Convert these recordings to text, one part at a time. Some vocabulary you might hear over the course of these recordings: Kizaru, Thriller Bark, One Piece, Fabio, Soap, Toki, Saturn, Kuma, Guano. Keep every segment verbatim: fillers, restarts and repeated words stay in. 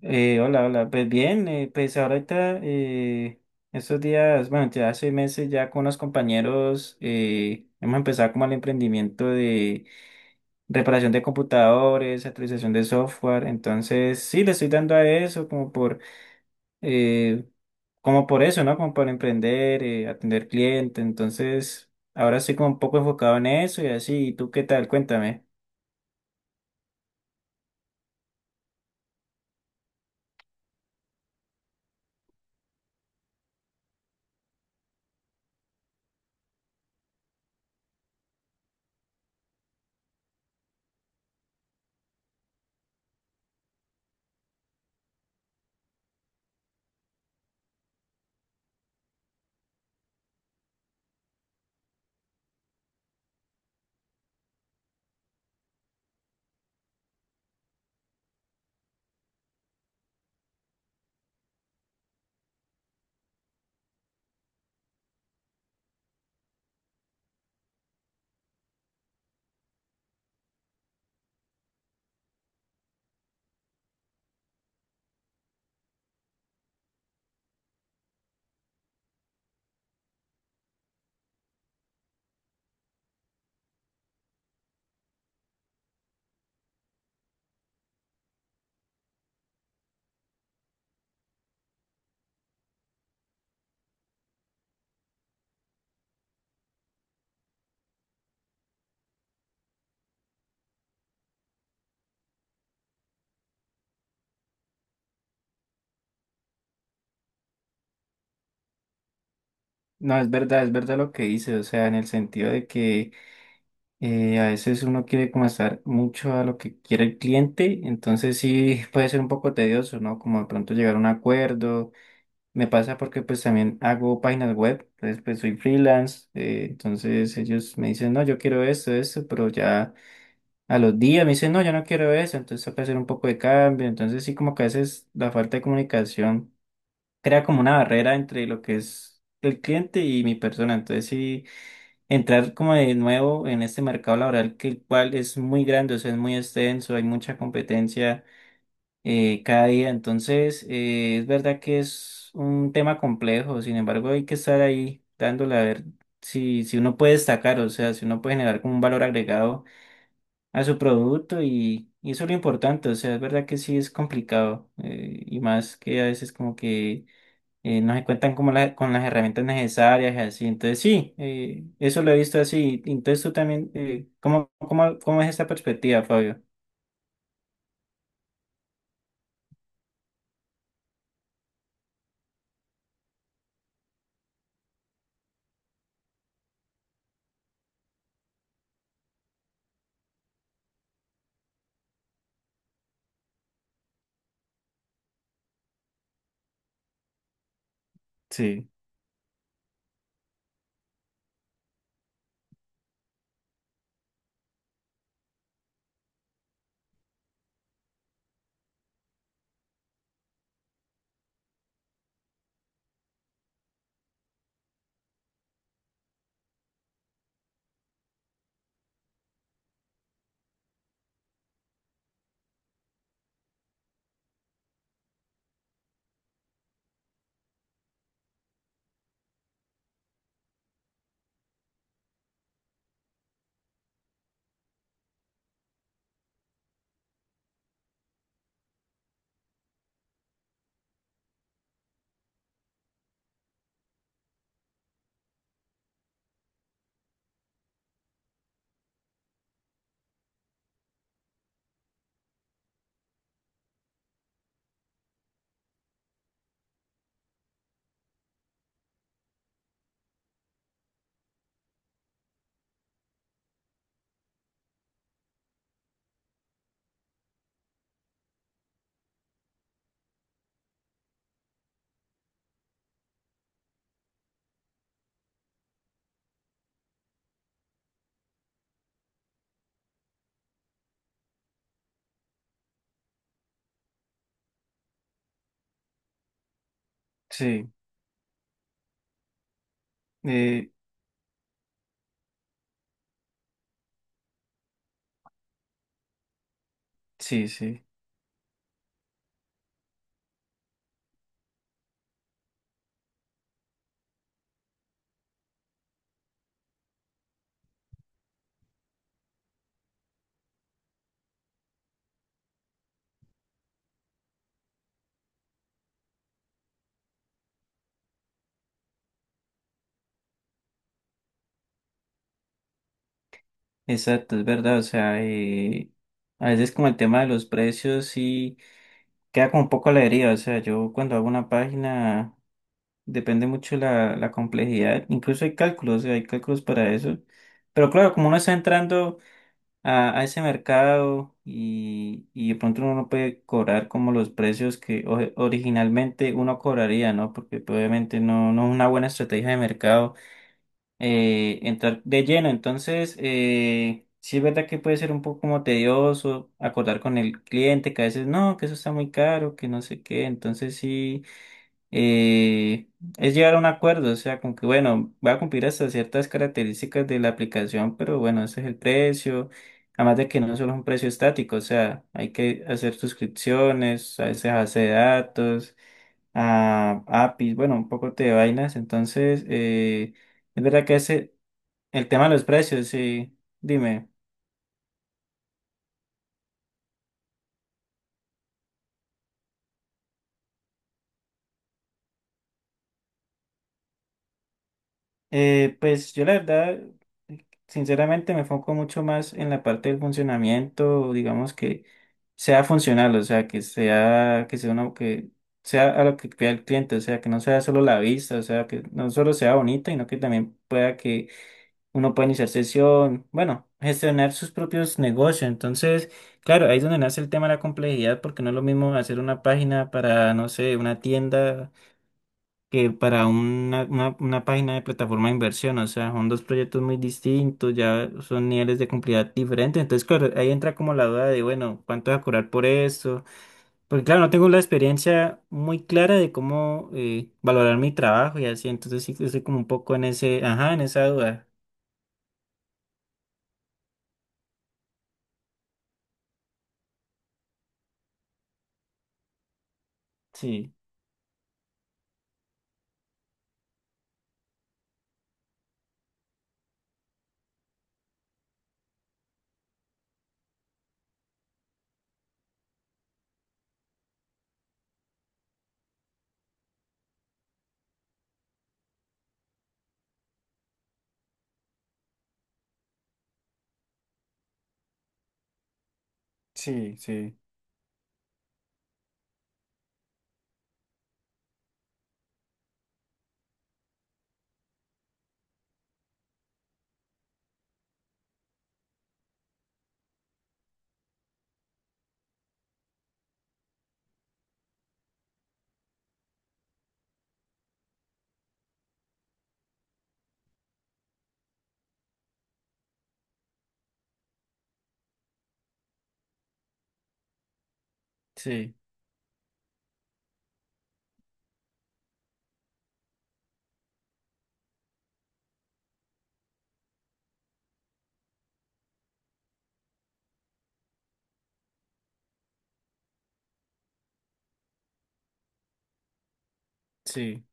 Eh, hola, hola. Pues bien, eh, pues ahorita eh, estos días, bueno, ya hace meses ya con unos compañeros eh, hemos empezado como el emprendimiento de reparación de computadores, actualización de software. Entonces, sí, le estoy dando a eso como por, eh, como por eso, ¿no? Como por emprender, eh, atender cliente. Entonces, ahora estoy como un poco enfocado en eso y así. ¿Y tú qué tal? Cuéntame. No, es verdad, es verdad lo que dices, o sea, en el sentido de que Eh, a veces uno quiere como estar mucho a lo que quiere el cliente, entonces sí puede ser un poco tedioso, ¿no? Como de pronto llegar a un acuerdo. Me pasa porque pues también hago páginas web, entonces pues soy freelance, eh, entonces ellos me dicen, no, yo quiero esto, esto, pero ya a los días me dicen, no, yo no quiero eso, entonces toca hacer un poco de cambio, entonces sí como que a veces la falta de comunicación crea como una barrera entre lo que es el cliente y mi persona, entonces sí entrar como de nuevo en este mercado laboral que el cual es muy grande, o sea, es muy extenso, hay mucha competencia eh, cada día, entonces eh, es verdad que es un tema complejo, sin embargo hay que estar ahí dándole a ver si, si uno puede destacar, o sea, si uno puede generar como un valor agregado a su producto y, y eso es lo importante, o sea, es verdad que sí es complicado eh, y más que a veces como que eh, no se cuentan como la- con las herramientas necesarias y así. Entonces, sí, eh, eso lo he visto así. Entonces, tú también, eh, ¿cómo, cómo, cómo es esta perspectiva, Fabio? Sí, sí, eh, sí, sí. Exacto, es verdad. O sea, eh, a veces como el tema de los precios sí queda como un poco a la deriva. O sea, yo cuando hago una página depende mucho la, la complejidad. Incluso hay cálculos, o sea, hay cálculos para eso. Pero claro, como uno está entrando a, a ese mercado y, y de pronto uno no puede cobrar como los precios que o- originalmente uno cobraría, ¿no? Porque pues, obviamente no, no es una buena estrategia de mercado eh, entrar de lleno. Entonces, eh, sí es verdad que puede ser un poco como tedioso acordar con el cliente que a veces no, que eso está muy caro, que no sé qué. Entonces sí eh, es llegar a un acuerdo, o sea, con que, bueno, va a cumplir hasta ciertas características de la aplicación, pero bueno, ese es el precio, además de que no solo es un precio estático, o sea, hay que hacer suscripciones, a veces base de datos, a APIs, bueno, un poco de vainas, entonces, eh, es verdad que ese, el tema de los precios, sí, dime. Eh, pues yo la verdad, sinceramente me enfoco mucho más en la parte del funcionamiento, digamos que sea funcional, o sea, que sea, que sea uno que sea a lo que pida el cliente, o sea, que no sea solo la vista, o sea, que no solo sea bonita, sino que también pueda que uno pueda iniciar sesión, bueno, gestionar sus propios negocios. Entonces, claro, ahí es donde nace el tema de la complejidad, porque no es lo mismo hacer una página para, no sé, una tienda que para una, una, una página de plataforma de inversión. O sea, son dos proyectos muy distintos, ya son niveles de complejidad diferentes. Entonces, claro, ahí entra como la duda de, bueno, ¿cuánto voy a cobrar por esto? Porque claro, no tengo la experiencia muy clara de cómo eh, valorar mi trabajo y así, entonces sí que estoy como un poco en ese, ajá, en esa duda. Sí, sí, sí. Sí, sí,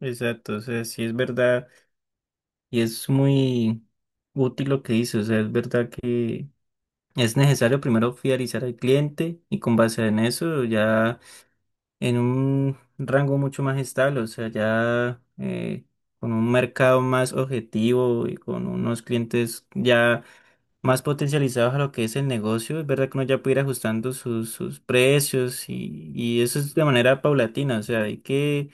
exacto, o sea, sí es verdad y es muy útil lo que dice, o sea, es verdad que es necesario primero fidelizar al cliente y con base en eso ya en un rango mucho más estable, o sea, ya eh, con un mercado más objetivo y con unos clientes ya más potencializados a lo que es el negocio, es verdad que uno ya puede ir ajustando sus, sus precios y, y eso es de manera paulatina, o sea, hay que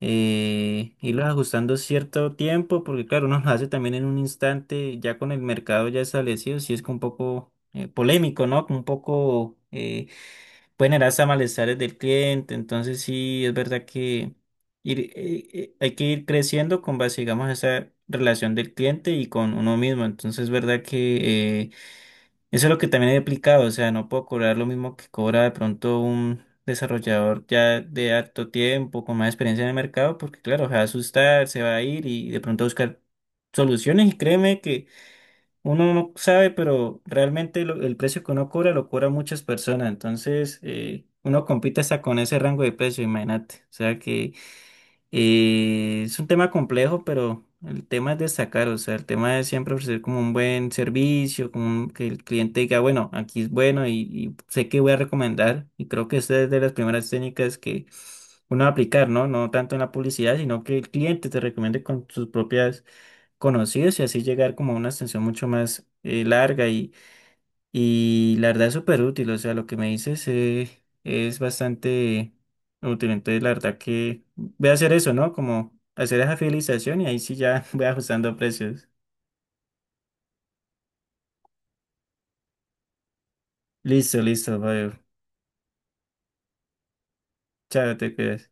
eh, irlos ajustando cierto tiempo, porque claro, uno lo hace también en un instante, ya con el mercado ya establecido, sí es como un poco eh, polémico, ¿no? Como un poco eh, pueden generar hasta malestares del cliente, entonces sí es verdad que ir, eh, eh, hay que ir creciendo con base, digamos, a esa relación del cliente y con uno mismo, entonces es verdad que eh, eso es lo que también he aplicado, o sea, no puedo cobrar lo mismo que cobra de pronto un desarrollador ya de harto tiempo, con más experiencia en el mercado, porque claro, se va a asustar, se va a ir y de pronto a buscar soluciones y créeme que uno no sabe, pero realmente lo- el precio que uno cobra lo cobra muchas personas, entonces eh, uno compite hasta con ese rango de precio, imagínate, o sea que eh, es un tema complejo, pero el tema es destacar, o sea, el tema es siempre ofrecer como un buen servicio, como un- que el cliente diga, bueno, aquí es bueno y, y sé que voy a recomendar. Y creo que esta es de las primeras técnicas que uno va a aplicar, ¿no? No tanto en la publicidad, sino que el cliente te recomiende con sus propias conocidos y así llegar como a una extensión mucho más eh, larga y la verdad es súper útil, o sea, lo que me dices eh, es bastante útil. Entonces, la verdad que voy a hacer eso, ¿no? Como hacer esa fidelización y ahí sí ya voy ajustando precios. Listo, listo, Fabio. Chao, te cuidas.